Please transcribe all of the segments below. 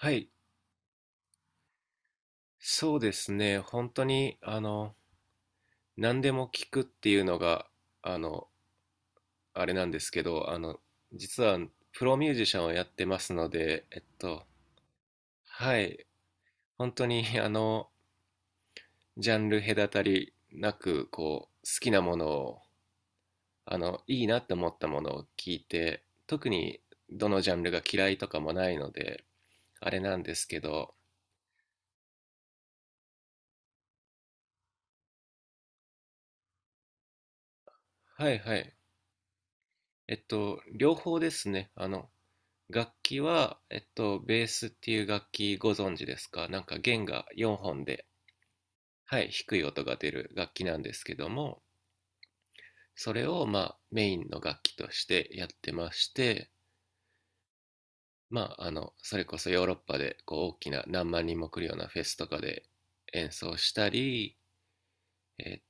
はい、そうですね。本当に、何でも聞くっていうのが、あの、あれなんですけど、実はプロミュージシャンをやってますので、はい、本当に、ジャンル隔たりなく、好きなものを、いいなって思ったものを聞いて、特にどのジャンルが嫌いとかもないので、あれなんですけど、はいはい。えっと、両方ですね。あの、楽器は、ベースっていう楽器ご存知ですか？なんか弦が4本で、はい、低い音が出る楽器なんですけども、それを、まあ、メインの楽器としてやってまして、まあ、それこそヨーロッパで、大きな何万人も来るようなフェスとかで演奏したり、え、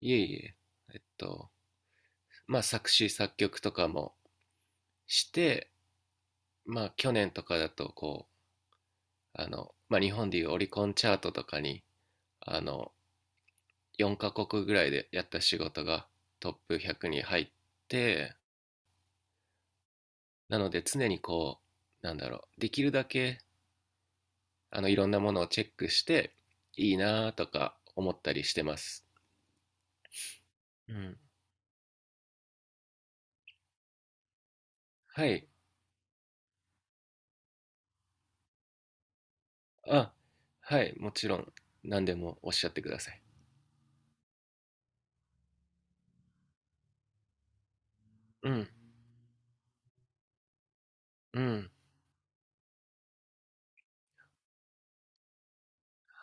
いえいえ、えっと、まあ、作詞作曲とかもして、まあ、去年とかだと、まあ、日本でいうオリコンチャートとかに、あの、4カ国ぐらいでやった仕事がトップ100に入って、なので常に、こう、なんだろう、できるだけ、いろんなものをチェックして、いいなとか思ったりしてます。うん、はい、あ、はい、もちろん。何でもおっしゃってください。うん、うん、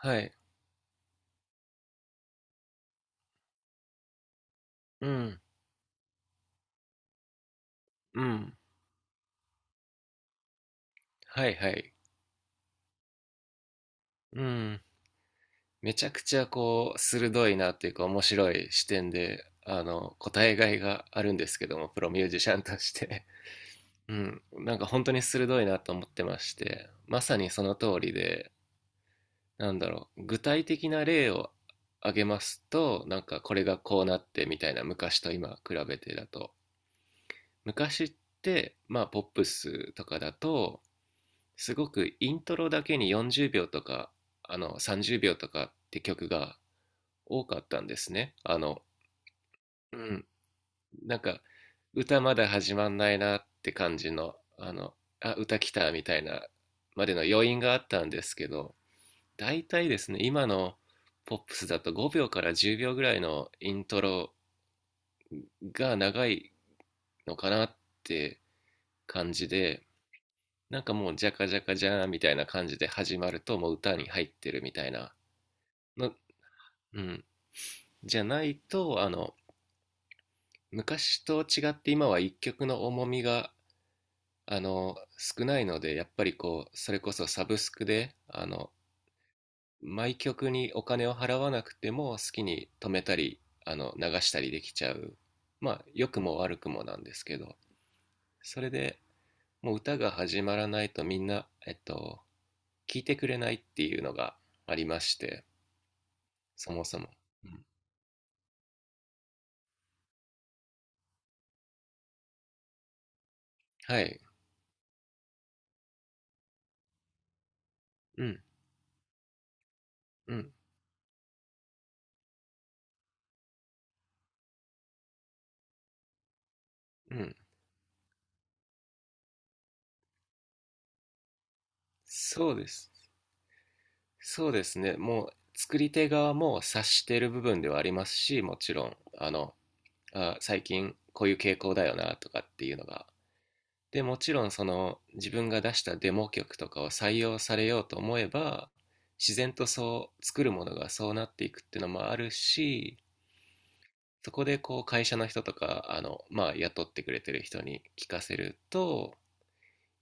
はい、うん、うん、はいはい、うん、めちゃくちゃ、鋭いなっていうか面白い視点で、答えがいがあるんですけども、プロミュージシャンとして、うん、なんか本当に鋭いなと思ってまして、まさにその通りで、なんだろう、具体的な例を挙げますと、なんかこれがこうなって、みたいな。昔と今比べてだと、昔って、まあポップスとかだと、すごくイントロだけに40秒とか、あの30秒とかって曲が多かったんですね。あの、うん、なんか歌まだ始まんないなって感じの、あ、歌来た、みたいな、までの余韻があったんですけど、大体ですね、今のポップスだと5秒から10秒ぐらいのイントロが長いのかなって感じで、なんかもうジャカジャカジャーンみたいな感じで始まると、もう歌に入ってるみたいなの、うん、じゃないと、昔と違って、今は一曲の重みが、少ないので、やっぱりこう、それこそサブスクで、毎曲にお金を払わなくても好きに止めたり、流したりできちゃう。まあ、良くも悪くもなんですけど、それでもう歌が始まらないとみんな、聞いてくれないっていうのがありまして、そもそも。うん、はい。うん、うん、うん。そうです。そうですね。もう、作り手側も察している部分ではありますし、もちろん、あ、最近こういう傾向だよな、とかっていうのがで、もちろんその自分が出したデモ曲とかを採用されようと思えば、自然とそう作るものがそうなっていくっていうのもあるし、そこでこう会社の人とか、まあ、雇ってくれてる人に聞かせると、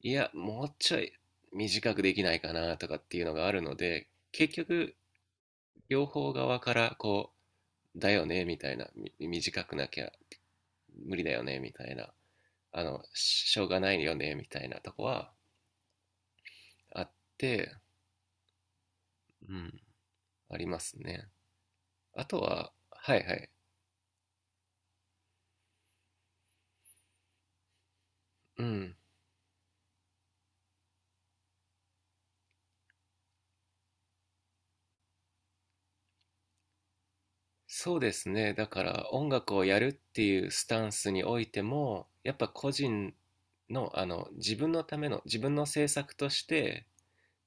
いや、もうちょい短くできないかな、とかっていうのがあるので、結局両方側から、こうだよね、みたいな、短くなきゃ無理だよね、みたいな、しょうがないよね、みたいなとこはあって、うん、ありますね。あとは、はいはい、うん、そうですね。だから音楽をやるっていうスタンスにおいても、やっぱ個人の、自分のための、自分の制作として、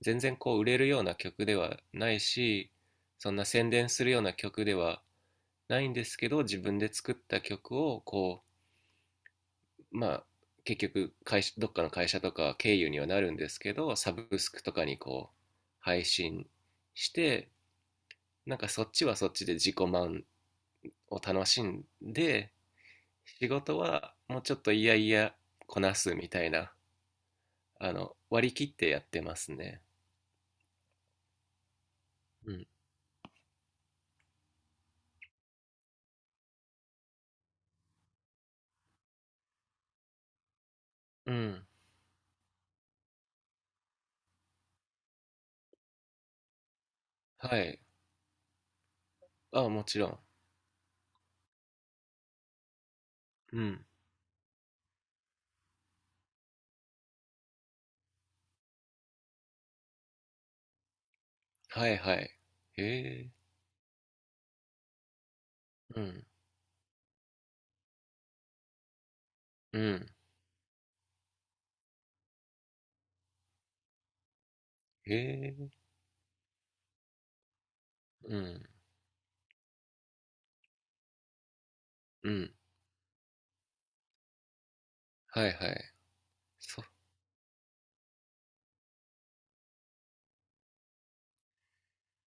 全然こう売れるような曲ではないし、そんな宣伝するような曲ではないんですけど、自分で作った曲を、まあ、結局会社、どっかの会社とか経由にはなるんですけど、サブスクとかにこう配信して、なんかそっちはそっちで自己満を楽しんで、仕事はもうちょっといやいやこなすみたいな、割り切ってやってますね。うん、うん、はい、あ、もちろん、うん、はいはい、へえ、うん、うん、へえ、うん、うん、はいはい、そ、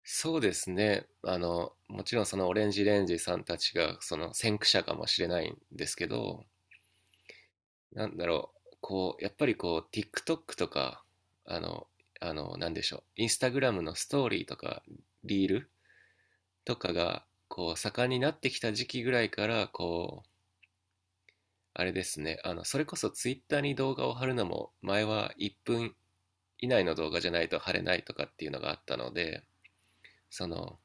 そうですね。あの、もちろんそのオレンジレンジさんたちがその先駆者かもしれないんですけど、なんだろう、やっぱりこう、TikTok とか、あの、なんでしょう、インスタグラムのストーリーとか、リールとかが、盛んになってきた時期ぐらいから、あれですね、それこそ Twitter に動画を貼るのも、前は1分以内の動画じゃないと貼れないとかっていうのがあったので、その、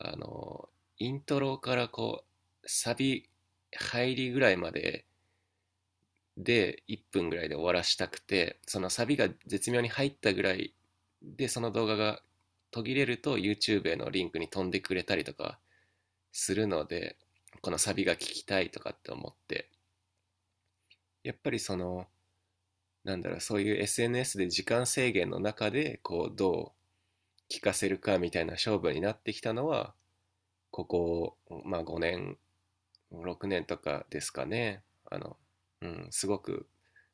あの、イントロから、サビ入りぐらいまでで1分ぐらいで終わらしたくて、そのサビが絶妙に入ったぐらいで、その動画が途切れると YouTube へのリンクに飛んでくれたりとかするので、このサビが聞きたいとかって思って、やっぱりその、なんだろう、そういう SNS で時間制限の中で、こう、どう聞かせるかみたいな勝負になってきたのは、ここ、まあ5年6年とかですかね、あの、うん、すごく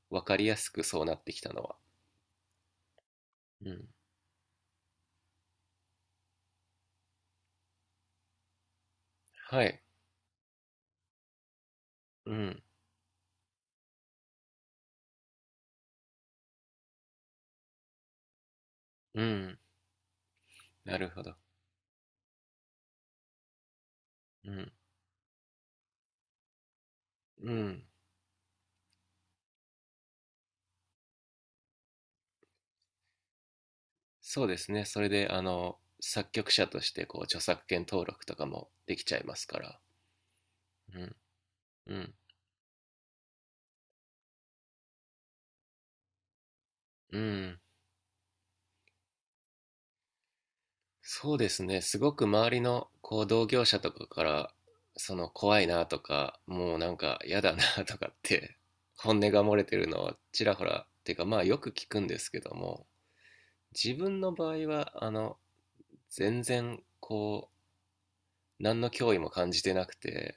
分かりやすくそうなってきたのは、うん、はい、うん、うん、なるほど、うん、うん、そうですね、それで、作曲者としてこう著作権登録とかもできちゃいますから、うん、うん、うん、そうですね、すごく周りのこう同業者とかから、その怖いな、とか、もうなんか嫌だな、とかって本音が漏れてるのをちらほらっていうか、まあよく聞くんですけども、自分の場合は、全然、何の脅威も感じてなくて、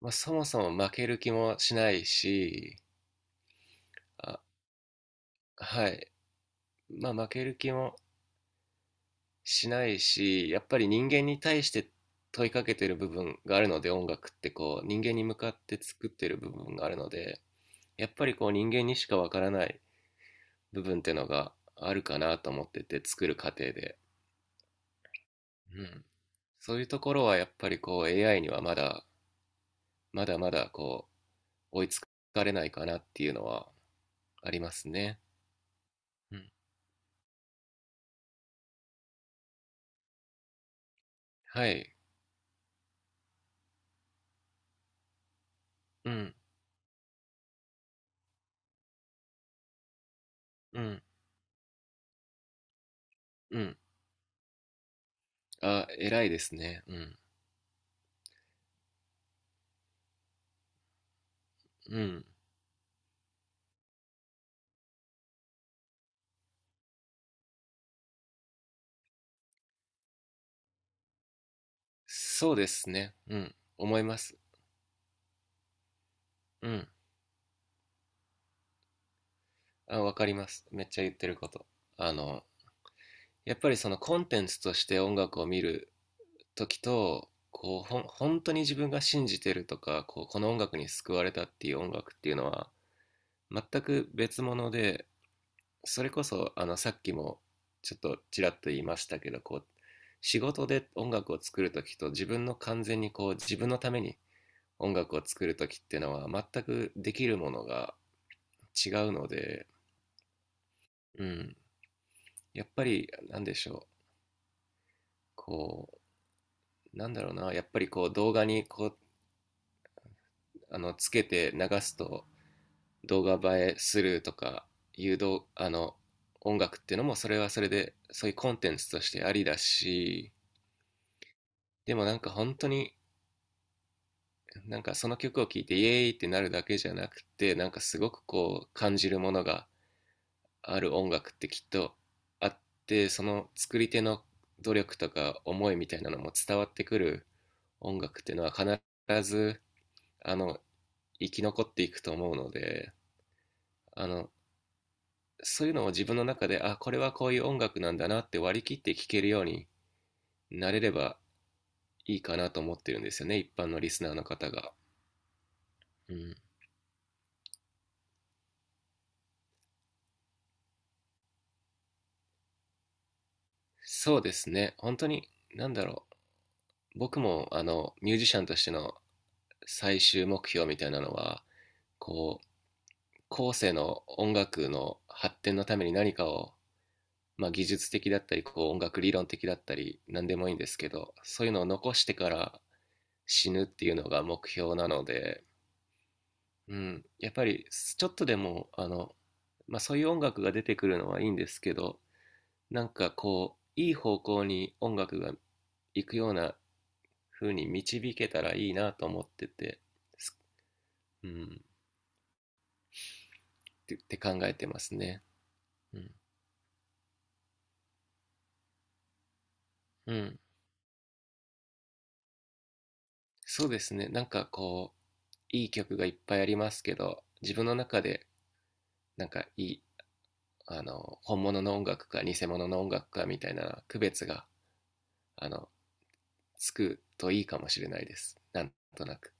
まあ、そもそも負ける気もしないし、あ、はい。まあ、負ける気もしないし、やっぱり人間に対して問いかけてる部分があるので、音楽ってこう、人間に向かって作ってる部分があるので、やっぱりこう、人間にしかわからない部分ってのがあるかなと思ってて、作る過程で。うん。そういうところはやっぱりこう、AI にはまだ、まだまだ追いつかれないかなっていうのはありますね。うん。はい。うん。うん。うん。あ、偉いですね。うん。うん。そうですね。うん。思います。うん。あ、わかります、めっちゃ言ってること。あの、やっぱりそのコンテンツとして音楽を見るときと、本当に自分が信じてるとか、こう、この音楽に救われたっていう音楽っていうのは、全く別物で、それこそあのさっきもちょっとちらっと言いましたけど、こう仕事で音楽を作るときと自分の完全にこう自分のために音楽を作るときっていうのは全くできるものが違うので、うん、やっぱりなんでしょう、こう、なんだろうな、やっぱりこう動画にこう、つけて流すと動画映えするとか、いうどあの音楽っていうのもそれはそれでそういうコンテンツとしてありだし、でもなんか本当に、なんかその曲を聴いてイエーイってなるだけじゃなくて、なんかすごくこう感じるものがある音楽ってきっとあって、その作り手の努力とか思いみたいなのも伝わってくる音楽っていうのは必ず、あの生き残っていくと思うので、あのそういうのを自分の中で、あ、これはこういう音楽なんだな、って割り切って聴けるようになれればいいかなと思ってるんですよね、一般のリスナーの方が。うん、そうですね、本当に、何だろう、僕もあのミュージシャンとしての最終目標みたいなのは、こう、後世の音楽の発展のために何かを、まあ、技術的だったりこう音楽理論的だったり何でもいいんですけど、そういうのを残してから死ぬっていうのが目標なので、うん、やっぱりちょっとでも、まあ、そういう音楽が出てくるのはいいんですけど、なんかこういい方向に音楽が行くような風に導けたらいいなと思ってて。うん、って考えてますね。うん、うん、そうですね。なんかこう、いい曲がいっぱいありますけど、自分の中でなんかいい、本物の音楽か偽物の音楽かみたいな区別が、あのつくといいかもしれないです。なんとなく。